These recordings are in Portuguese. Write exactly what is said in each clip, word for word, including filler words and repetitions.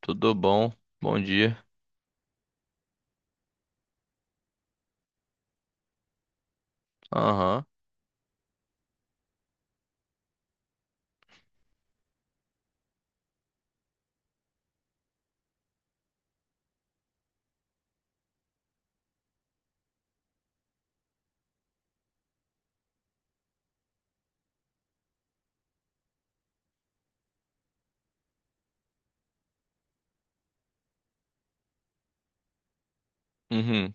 Tudo bom? Bom dia. Aham. Uhum.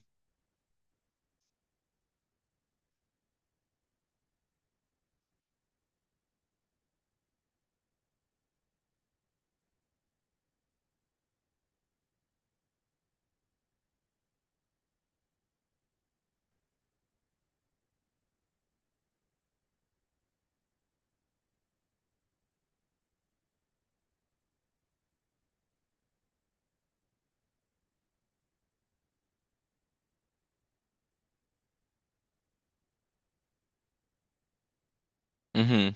Uhum.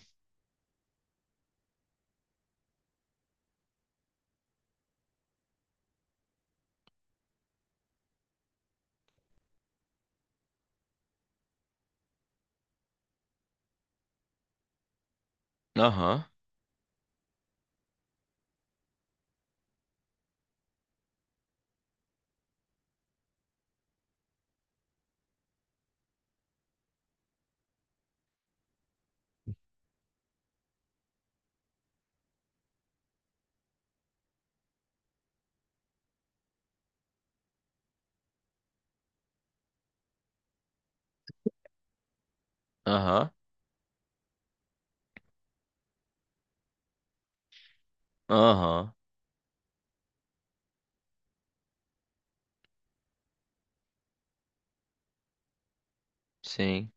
Aham. Aham. Aham. Sim.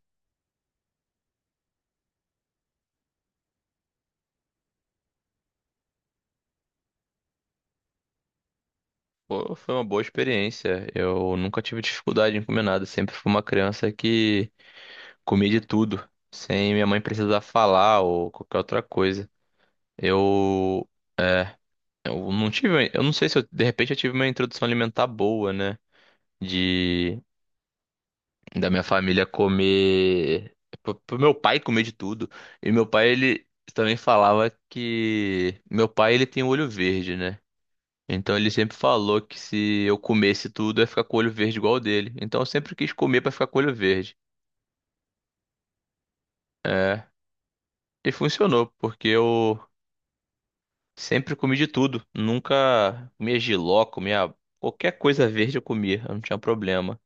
Pô, foi uma boa experiência. Eu nunca tive dificuldade em comer nada. Sempre fui uma criança que comia de tudo, sem minha mãe precisar falar ou qualquer outra coisa. Eu, eu não tive, eu não sei se eu, de repente eu tive uma introdução alimentar boa, né? De da minha família comer, pro pro meu pai comer de tudo. E meu pai, ele também falava que meu pai ele tem o olho verde, né? Então ele sempre falou que se eu comesse tudo, eu ia ficar com o olho verde igual o dele. Então eu sempre quis comer pra ficar com o olho verde. É, e funcionou, porque eu sempre comi de tudo. Nunca comia jiló, comia qualquer coisa verde eu comia, eu não tinha problema.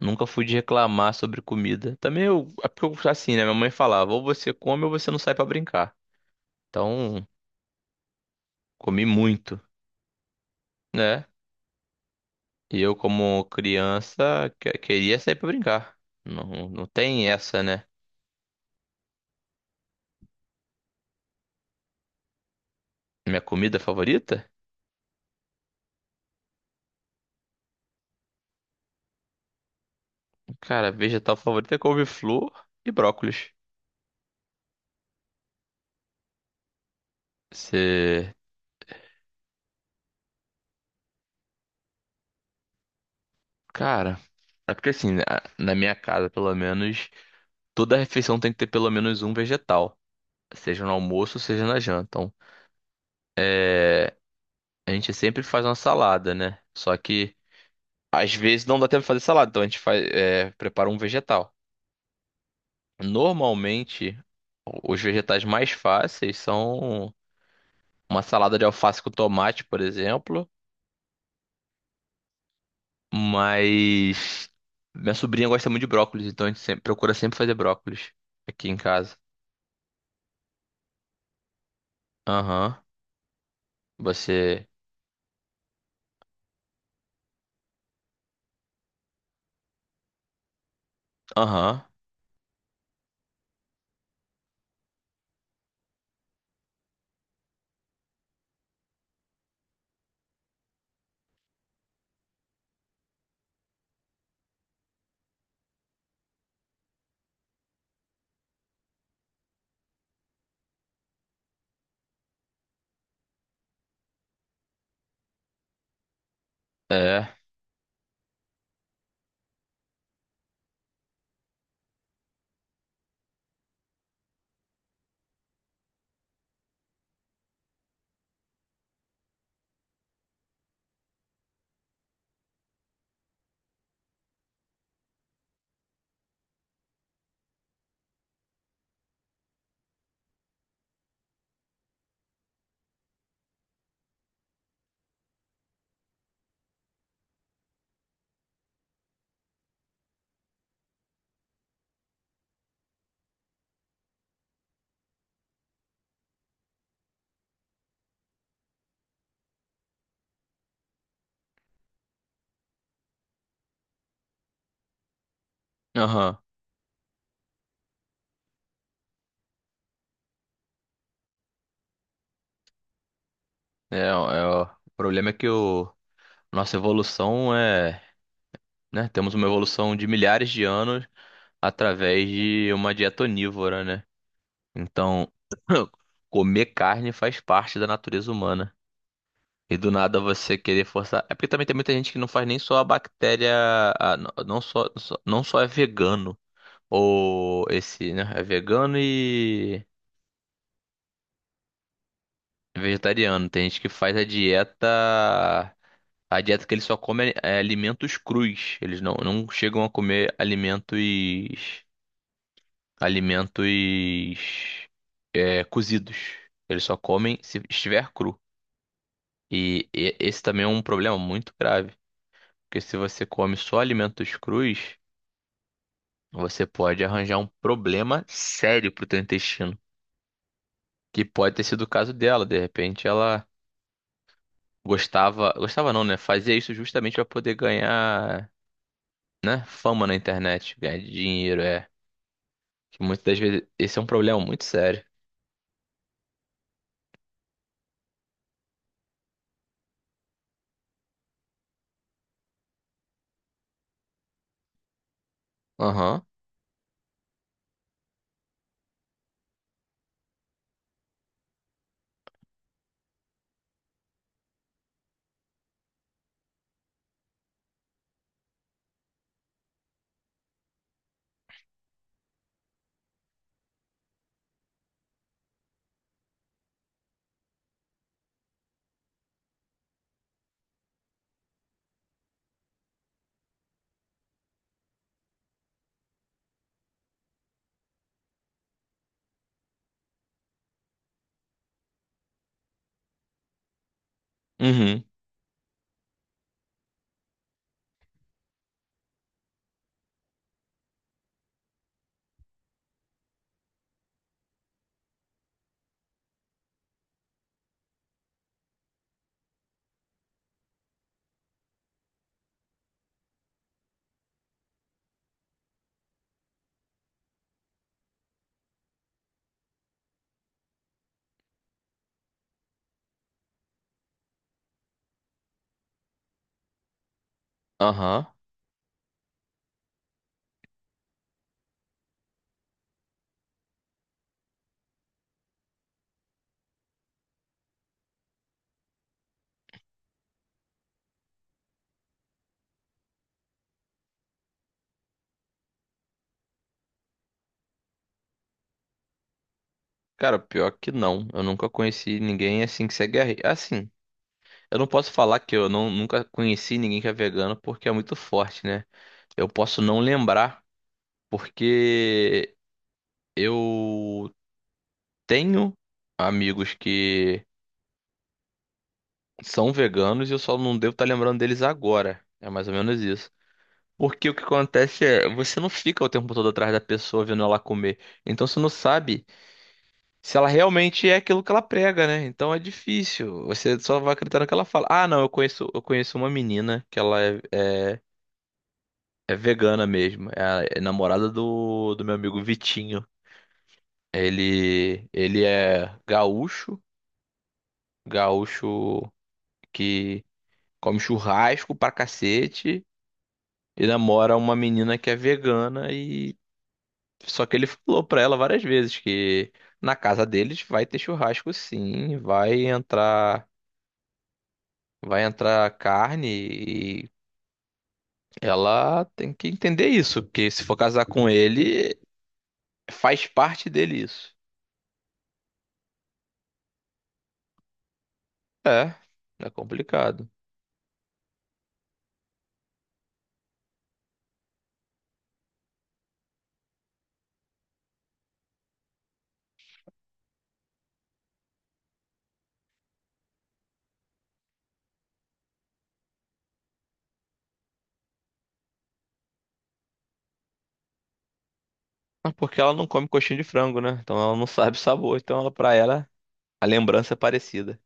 Nunca fui de reclamar sobre comida. Também eu, é porque eu, assim, né? Minha mãe falava, ou você come ou você não sai pra brincar. Então, comi muito, né? E eu, como criança, que- queria sair pra brincar. Não, não tem essa, né? Minha comida favorita? Cara, vegetal favorita é couve-flor e brócolis. Você. Cara, é porque assim, na na minha casa, pelo menos, toda refeição tem que ter pelo menos um vegetal. Seja no almoço, seja na janta. Então, a gente sempre faz uma salada, né? Só que às vezes não dá tempo de fazer salada, então a gente faz, é, prepara um vegetal. Normalmente, os vegetais mais fáceis são uma salada de alface com tomate, por exemplo. Mas minha sobrinha gosta muito de brócolis, então a gente sempre, procura sempre fazer brócolis aqui em casa. Aham. Você. Aham. É. Aham. É, é, o problema é que o nossa evolução é, né? Temos uma evolução de milhares de anos, através de uma dieta onívora, né? Então, comer carne faz parte da natureza humana. E do nada você querer forçar. É porque também tem muita gente que não faz nem só a bactéria. a- não não só, só- não só é vegano. Ou esse, né? É vegano e vegetariano. Tem gente que faz a dieta. A dieta que eles só comem é alimentos crus. Eles não, não chegam a comer alimentos. alimentos, é, cozidos. Eles só comem se estiver cru. E, e- esse também é um problema muito grave, porque se você come só alimentos crus, você pode arranjar um problema sério pro teu intestino, que pode ter sido o caso dela. De repente, ela gostava, gostava não, né? Fazia isso justamente para poder ganhar, né? Fama na internet, ganhar dinheiro, é. Que muitas das vezes esse é um problema muito sério. Aham. Uhum. Aham. Cara, pior que não. Eu nunca conheci ninguém assim que segue a... re- Assim, eu não posso falar que eu não, nunca conheci ninguém que é vegano porque é muito forte, né? Eu posso não lembrar porque eu tenho amigos que são veganos e eu só não devo estar lembrando deles agora. É mais ou menos isso. Porque o que acontece é, você não fica o tempo todo atrás da pessoa vendo ela comer. Então você não sabe se ela realmente é aquilo que ela prega, né? Então é difícil. Você só vai acreditar no que ela fala. Ah, não, eu conheço, eu conheço uma menina que ela é, é, é vegana mesmo. É, a- é namorada do, do meu amigo Vitinho. Ele, ele é gaúcho, gaúcho que come churrasco pra cacete e namora uma menina que é vegana e só que ele falou pra ela várias vezes que na casa deles vai ter churrasco sim, vai entrar vai entrar carne e ela tem que entender isso, porque se for casar com ele, faz parte dele isso. É, é complicado. Ah, porque ela não come coxinha de frango, né? Então ela não sabe o sabor, então ela para ela a lembrança é parecida.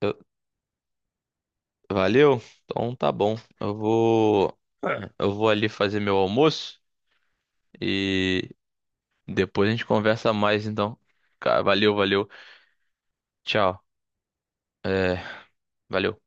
Eu- Valeu? Então tá bom. Eu vou eu vou ali fazer meu almoço e depois a gente conversa mais então. Ca- Valeu, valeu. Tchau. É, valeu.